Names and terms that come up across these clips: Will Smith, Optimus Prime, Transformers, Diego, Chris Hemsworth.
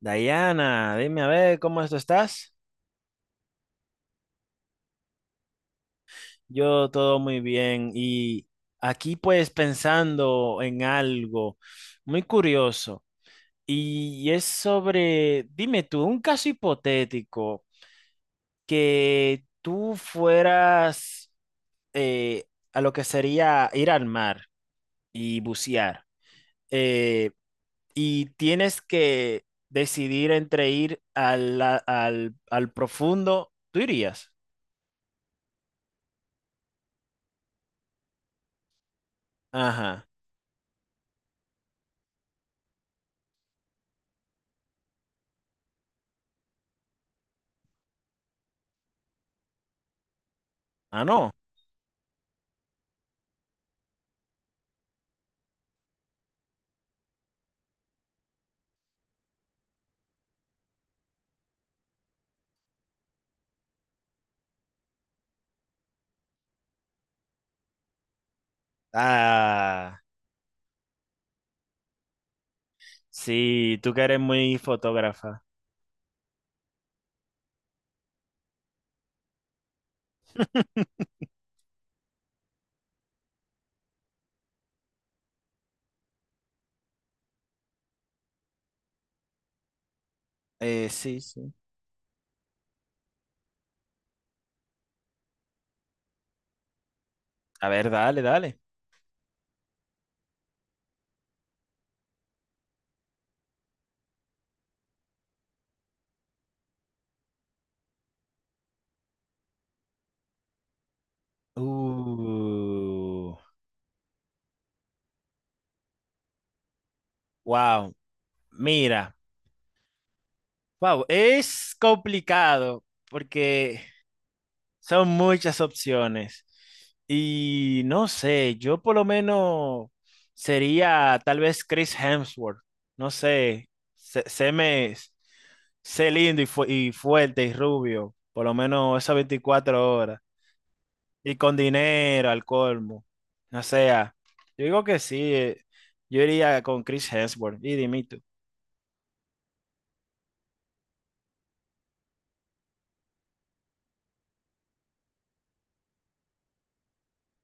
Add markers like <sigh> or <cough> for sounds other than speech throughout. Diana, dime a ver cómo esto estás. Yo todo muy bien y aquí pues pensando en algo muy curioso y es sobre, dime tú, un caso hipotético que tú fueras eh, a lo que sería ir al mar y bucear eh, y tienes que decidir entre ir al profundo, ¿tú irías? Ajá. Ah, no. Ah, sí, tú que eres muy fotógrafa. <laughs> Sí, sí. A ver, dale, dale. Uh, wow, mira, wow, es complicado porque son muchas opciones y no sé, yo por lo menos sería tal vez Chris Hemsworth, no sé, se, se me, sé lindo y, y fuerte y rubio, por lo menos esas 24 horas. Y con dinero, al colmo. O sea, yo digo que sí. Yo iría con Chris Hemsworth. Y dime tú.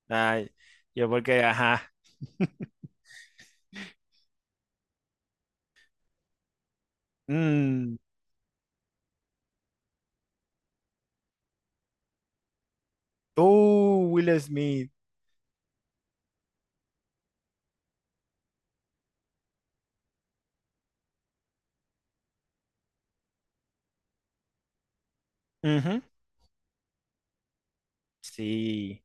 Ay, yo porque, ajá. Mm, tú, Will Smith. Ujú. Sí.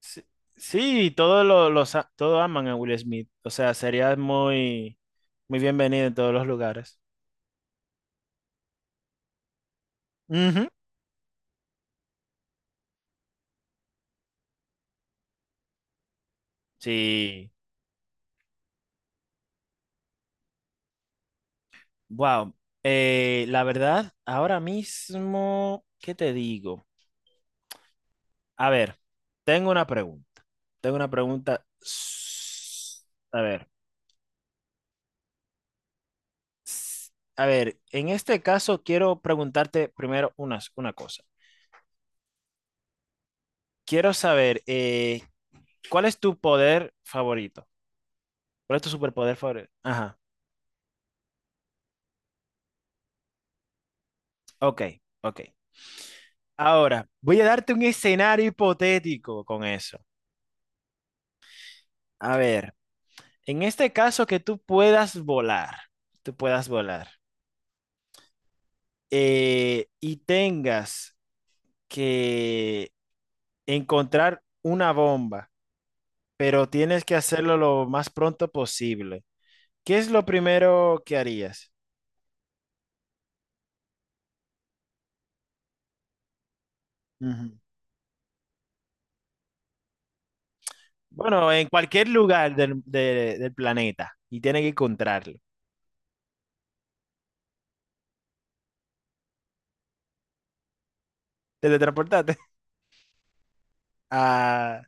Sí, sí, todos aman a Will Smith. O sea, sería muy, muy bienvenido en todos los lugares. Ujú. Sí. Wow. La verdad, ahora mismo, ¿qué te digo? A ver, tengo una pregunta. Tengo una pregunta. A ver, s- a ver, en este caso quiero preguntarte primero una cosa. Quiero saber, ¿cuál es tu poder favorito? ¿Cuál es tu superpoder favorito? Ajá, ok, ok. Ahora, voy a darte un escenario hipotético con eso. A ver, en este caso que tú puedas volar, tú puedas volar, y tengas que encontrar una bomba, pero tienes que hacerlo lo más pronto posible. ¿Qué es lo primero que harías? Ujú. Bueno, en cualquier lugar del planeta y tienes que encontrarlo. Teletransportarte. <laughs> Ah,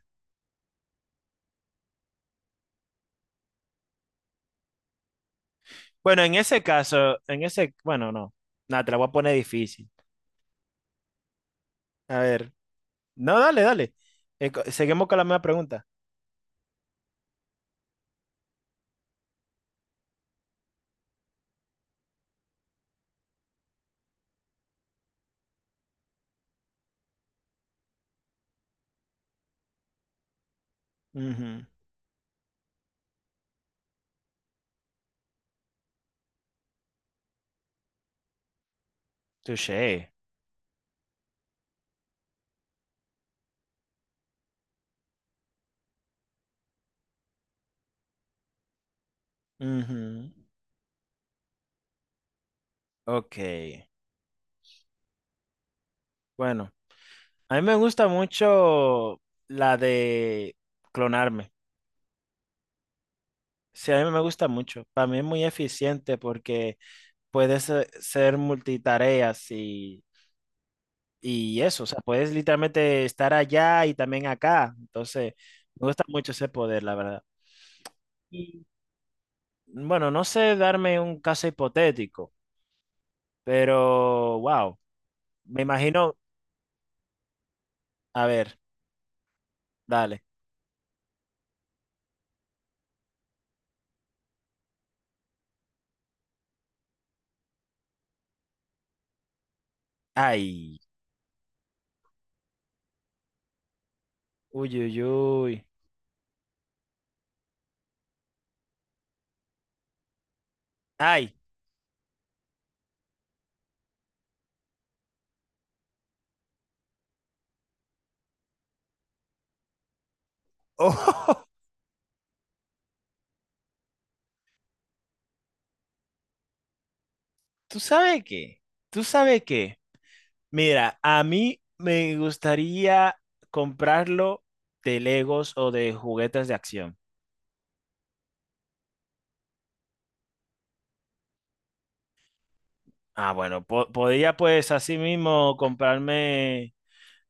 bueno, en ese caso, en ese, bueno, no. Nada, te la voy a poner difícil. A ver. No, dale, dale. Seguimos con la misma pregunta. Ujú. Touché. Ujú. Ok. Bueno. A mí me gusta mucho la de clonarme. Sí, a mí me gusta mucho. Para mí es muy eficiente porque puedes ser multitareas y eso. O sea, puedes literalmente estar allá y también acá. Entonces, me gusta mucho ese poder, la verdad. Y, bueno, no sé darme un caso hipotético, pero wow. Me imagino. A ver, dale. Ay. Uy, uy, uy. Ay. <laughs> ¿Tú sabes qué? ¿Tú sabes qué? Mira, a mí me gustaría comprarlo de Legos o de juguetes de acción. Ah, bueno, podría pues así mismo comprarme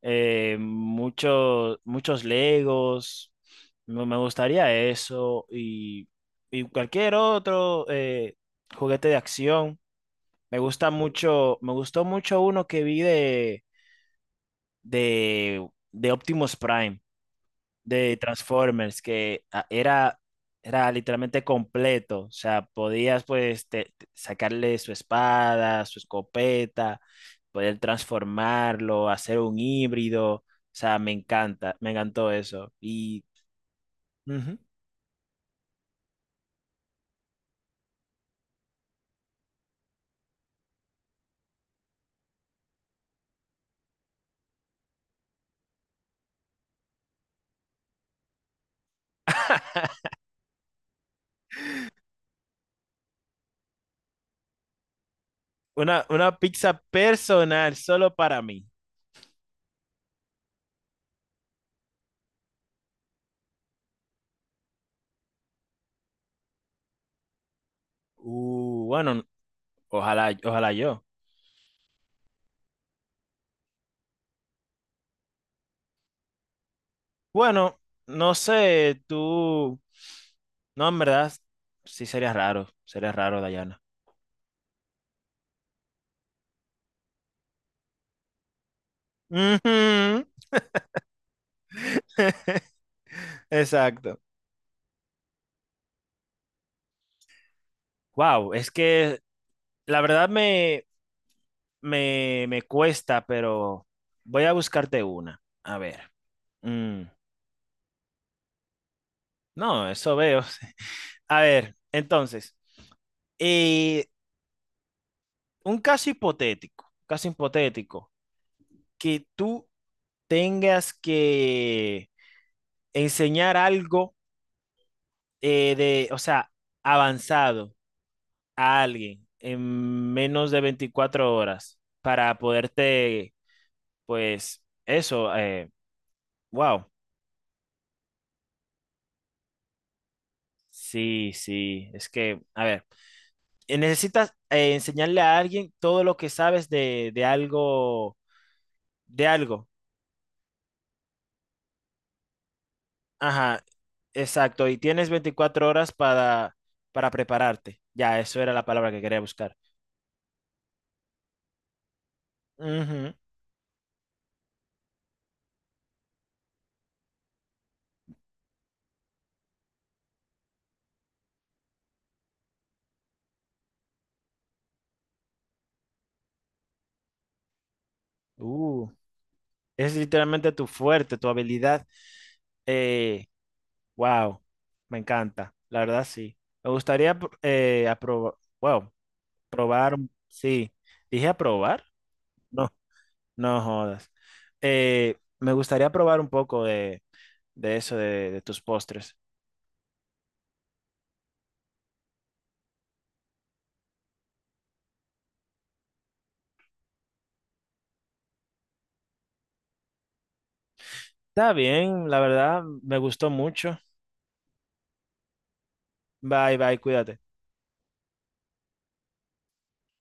muchos, muchos Legos. Me gustaría eso y cualquier otro juguete de acción. Me gusta mucho, me gustó mucho uno que vi de, de Optimus Prime. De Transformers que ah, era literalmente completo. O sea, podías pues sacarle su espada, su escopeta, poder transformarlo, hacer un híbrido. O sea, me encanta, me encantó eso. Y ujú, una pizza personal solo para mí. Bueno, ojalá, ojalá yo. Bueno, no sé, tú, no, en verdad, sí sería raro, Dayana. Ujú. <laughs> Exacto. Wow, es que la verdad me cuesta, pero voy a buscarte una. A ver. Mm, no, eso veo. <laughs> A ver, entonces, eh, un caso hipotético, que tú tengas que enseñar algo o sea, avanzado a alguien en menos de 24 horas para poderte. Pues eso, wow. Sí, sí, es que, a ver, necesitas enseñarle a alguien todo lo que sabes de algo, de algo. Ajá, exacto. Y tienes 24 horas para prepararte. Ya, eso era la palabra que quería buscar. Ujú. Uh, es literalmente tu fuerte, tu habilidad. Eh, wow, me encanta, la verdad sí. Me gustaría aprobar. Probar, sí. Dije a probar. No, no jodas. Me gustaría probar un poco de eso, de tus postres. Está bien, la verdad, me gustó mucho. Bye, bye, cuídate.